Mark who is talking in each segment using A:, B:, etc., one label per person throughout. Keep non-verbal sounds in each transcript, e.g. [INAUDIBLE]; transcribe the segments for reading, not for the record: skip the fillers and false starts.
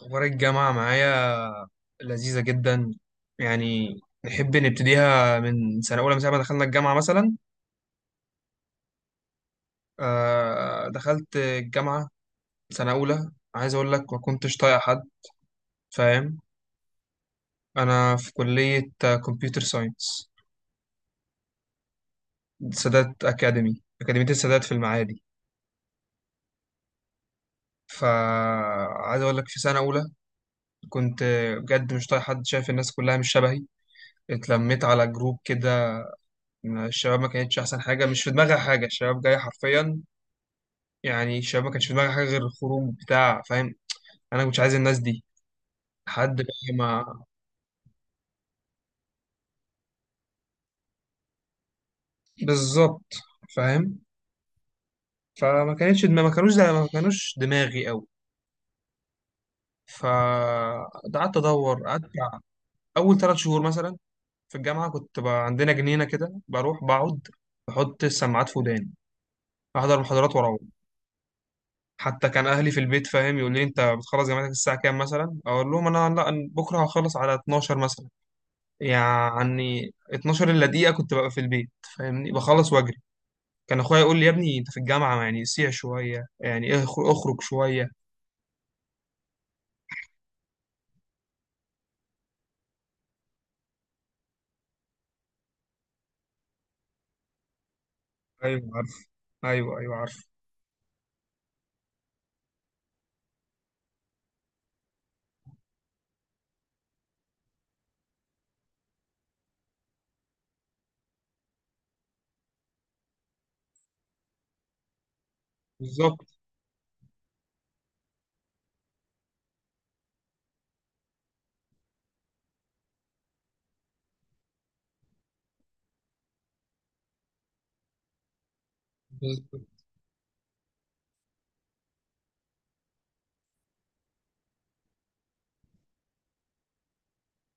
A: أخبار الجامعة معايا لذيذة جدا. يعني نحب نبتديها من سنة أولى من ساعة ما دخلنا الجامعة مثلا. دخلت الجامعة سنة أولى، عايز أقول لك ما كنتش طايق حد، فاهم. أنا في كلية كمبيوتر ساينس، سادات أكاديمي، أكاديمية السادات في المعادي. فعايز أقول لك في سنة أولى كنت بجد مش طايق حد، شايف الناس كلها مش شبهي. اتلميت على جروب كده، الشباب ما كانتش أحسن حاجة، مش في دماغها حاجة، الشباب جاية حرفيا يعني الشباب ما كانش في دماغي حاجه غير الخروج بتاع، فاهم. انا كنتش عايز الناس دي لحد بقى ما، بالظبط، فاهم. فما كانتش دماغي، ما كانوش دماغي قوي. فقعدت ادور، قعدت بتاع. اول ثلاث شهور مثلا في الجامعه كنت بقى عندنا جنينه كده بروح بقعد، بحط السماعات في وداني، احضر محاضرات واروح. حتى كان اهلي في البيت، فاهم، يقول لي انت بتخلص جامعتك الساعه كام مثلا، اقول لهم انا لا، أنا بكره هخلص على 12 مثلا. يعني 12 الا دقيقة كنت ببقى في البيت، فاهمني، بخلص واجري. كان اخويا يقول لي يا ابني انت في الجامعة يعني سيع شوية، يعني اخرج شوية. ايوه عارف، ايوه ايوه عارف، بالظبط. بالظبط.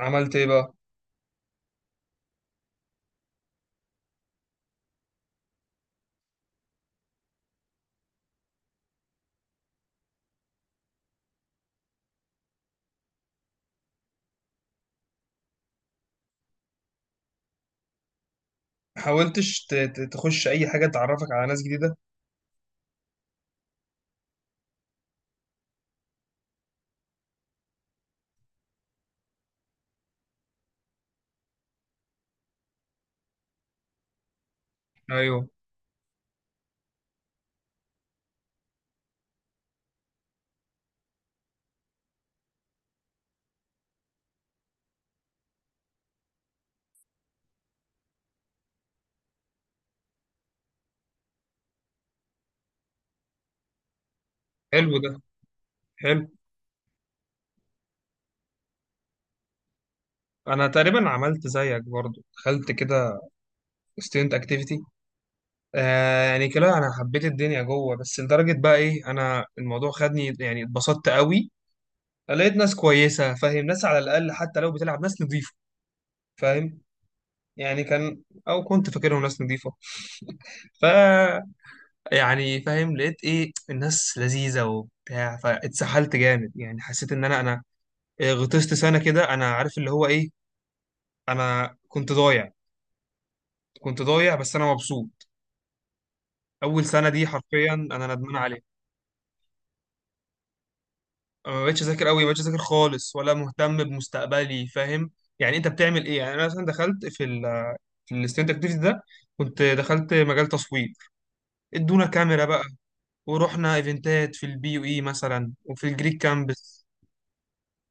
A: عملت ايه بقى. حاولتش تخش اي حاجة تعرفك على ناس جديدة. ايوه. حلو ده. حلو. انا تقريبا عملت زيك برضو، دخلت كده student activity. آه يعني كده انا حبيت الدنيا جوه، بس لدرجة بقى ايه، انا الموضوع خدني، يعني اتبسطت قوي. لقيت ناس كويسة، فاهم، ناس على الأقل حتى لو بتلعب ناس نظيفة، فاهم. يعني كان، أو كنت فاكرهم ناس نظيفة. ف، يعني فاهم، لقيت إيه الناس لذيذة وبتاع، فاتسحلت جامد، يعني حسيت إن أنا إيه، غطست سنة كده، أنا عارف اللي هو إيه، أنا كنت ضايع. كنت ضايع بس أنا مبسوط. أول سنة دي حرفيا أنا ندمان عليها. ما بقتش أذاكر أوي، ما بقتش أذاكر خالص ولا مهتم بمستقبلي، فاهم. يعني أنت بتعمل إيه، يعني أنا مثلا دخلت في ال، في الستودنت أكتيفيتي ده. كنت دخلت مجال تصوير، ادونا كاميرا بقى، ورحنا ايفنتات في البي يو اي مثلا وفي الجريك كامبس.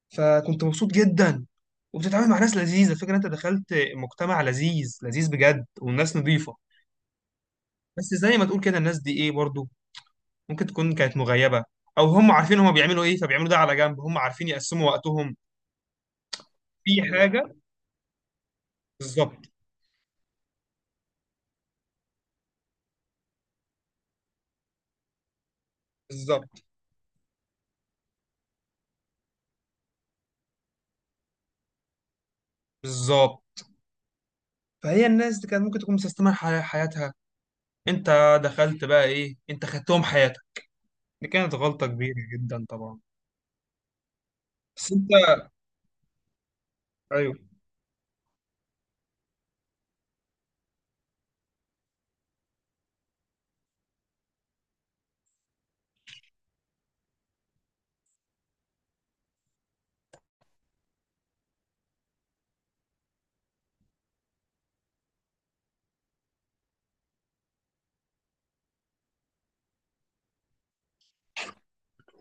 A: فكنت مبسوط جدا، وبتتعامل مع ناس لذيذه، فكرة انت دخلت مجتمع لذيذ لذيذ بجد والناس نظيفه. بس زي ما تقول كده الناس دي ايه برضو ممكن تكون كانت مغيبه، او هم عارفين هم بيعملوا ايه فبيعملوا ده على جنب، هم عارفين يقسموا وقتهم. في حاجه، بالظبط. بالظبط. بالظبط. فهي الناس دي كانت ممكن تكون مسيستمه حياتها، انت دخلت بقى ايه، انت خدتهم حياتك. دي كانت غلطه كبيره جدا طبعا. بس انت، ايوه.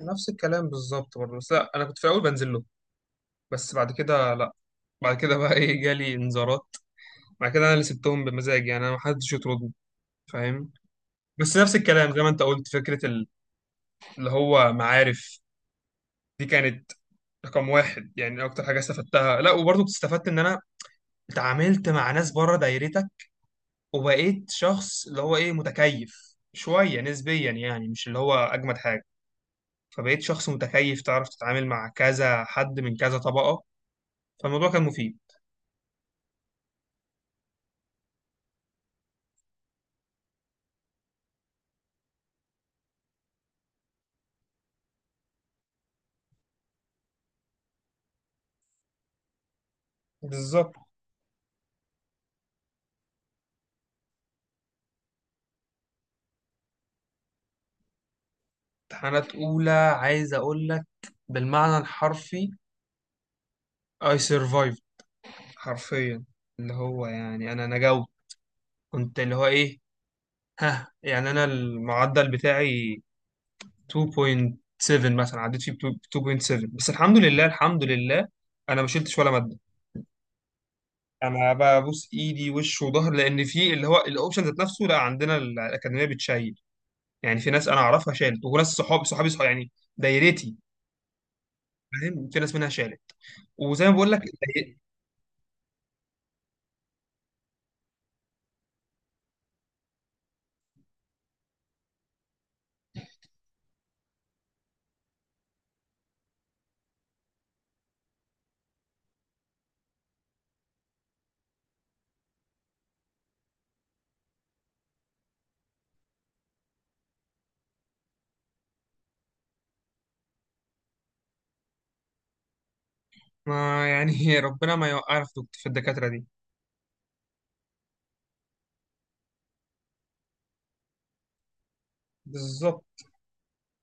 A: نفس الكلام بالظبط برضه، بس لا انا كنت في الاول بنزل له، بس بعد كده لا. بعد كده بقى ايه جالي انذارات. بعد كده انا اللي سبتهم بمزاج، يعني انا ما حدش يطردني، فاهم. بس نفس الكلام زي ما انت قلت، فكره اللي هو معارف. دي كانت رقم واحد يعني اكتر حاجه استفدتها. لا وبرضه كنت استفدت ان انا اتعاملت مع ناس بره دايرتك، وبقيت شخص اللي هو ايه متكيف شويه نسبيا، يعني مش اللي هو اجمد حاجه. فبقيت شخص متكيف تعرف تتعامل مع كذا حد من كذا طبقه. فالموضوع كان مفيد. بالظبط. امتحانات أولى عايز أقول لك بالمعنى الحرفي I survived، حرفيا، اللي هو يعني أنا نجوت. كنت اللي هو إيه، ها، يعني أنا المعدل بتاعي 2.7 مثلا، عديت فيه ب 2.7 بس الحمد لله. الحمد لله أنا ما شلتش ولا مادة. أنا ببوس إيدي وش وظهر، لأن في اللي هو الأوبشن ذات نفسه، لا عندنا الأكاديمية بتشيل. يعني في ناس أنا أعرفها شالت، وناس صحابي صحابي صحابي يعني دايرتي، فاهم، في ناس منها شالت. وزي ما بقول لك، ما يعني [LAUGHS] هي ربنا ما يوقعنا في في الدكاترة دي. بالظبط.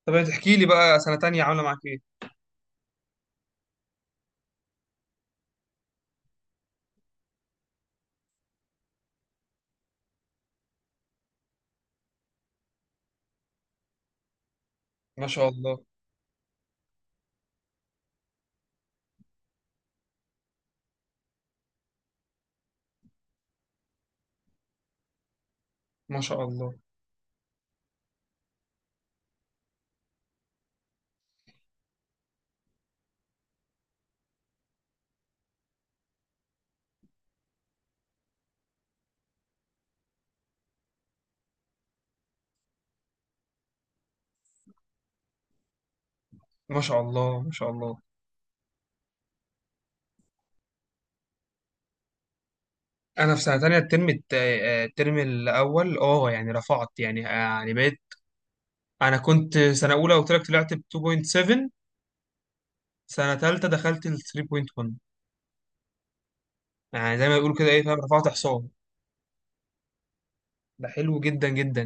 A: طب تحكي لي بقى سنة تانية عاملة معاك ايه؟ ما شاء الله، ما شاء الله. ما شاء الله، ما شاء الله. انا في سنة تانية الترم الت- آه، الترم الاول اه، يعني رفعت، يعني يعني بقيت. انا كنت سنة اولى قلت لك طلعت ب 2.7، سنة تالتة دخلت ل 3.1. يعني زي ما بيقولوا كده ايه، فاهم، رفعت حصان. ده حلو جدا جدا.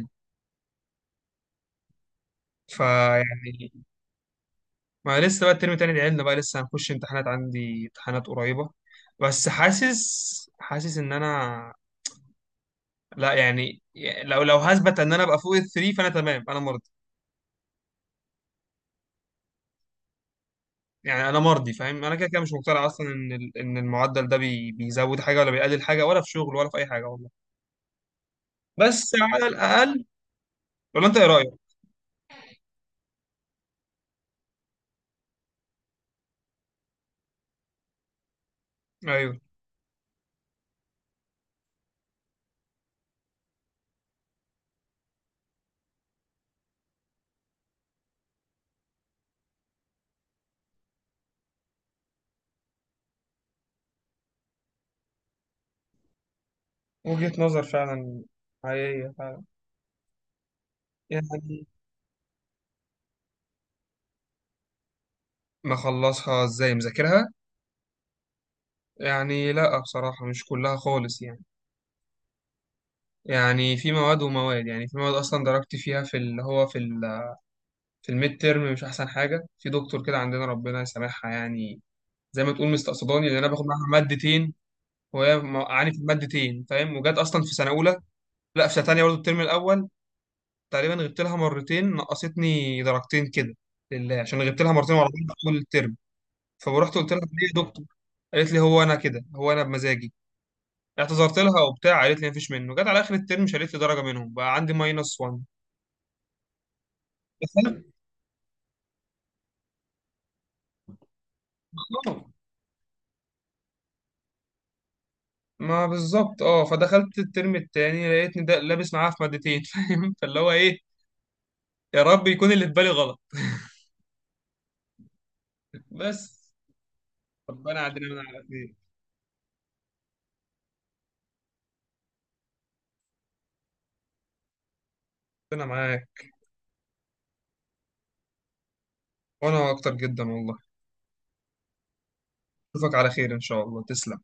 A: فيعني، ما لسه بقى الترم التاني، لعلنا بقى لسه هنخش امتحانات، عندي امتحانات قريبة. بس حاسس، حاسس ان انا، لا يعني لو هثبت ان انا ابقى فوق الثري فانا تمام، انا مرضي. يعني انا مرضي، فاهم، انا كده كده مش مقتنع اصلا ان ان المعدل ده بي بيزود حاجة ولا بيقلل حاجة، ولا في شغل ولا في اي حاجة والله. بس على الاقل، ولا انت ايه رأيك؟ ايوه، وجهة نظر فعلا، حقيقية فعلا. يعني مخلصها ازاي مذاكرها؟ يعني لا بصراحة مش كلها خالص، يعني. يعني في مواد ومواد، يعني في مواد اصلا درجتي فيها في اللي هو في ال، في الميد تيرم مش احسن حاجه، في دكتور كده عندنا ربنا يسامحها يعني، زي ما تقول مستقصداني، لان انا باخد معاها مادتين وهي موقعاني في المادتين، فاهم. وجت اصلا في سنه اولى، لا في سنه تانيه برضه الترم الاول. تقريبا غبت لها مرتين نقصتني درجتين كده، لله، عشان غبت لها مرتين ورا بعض طول الترم. فروحت قلت لها ليه يا دكتور، قالت لي هو انا كده، هو انا بمزاجي. اعتذرت لها وبتاع، قالت لي مفيش منه. جت على اخر الترم شالت لي درجه، منهم بقى عندي ماينس 1. اه، ما بالظبط اه. فدخلت الترم التاني لقيتني ده لابس معاها في مادتين [LAUGHS] فاهم، فاللي هو ايه، يا رب يكون اللي في بالي غلط، بس. ربنا عدنا من على خير. ربنا معاك. وانا اكتر جدا والله. اشوفك على خير ان شاء الله، تسلم.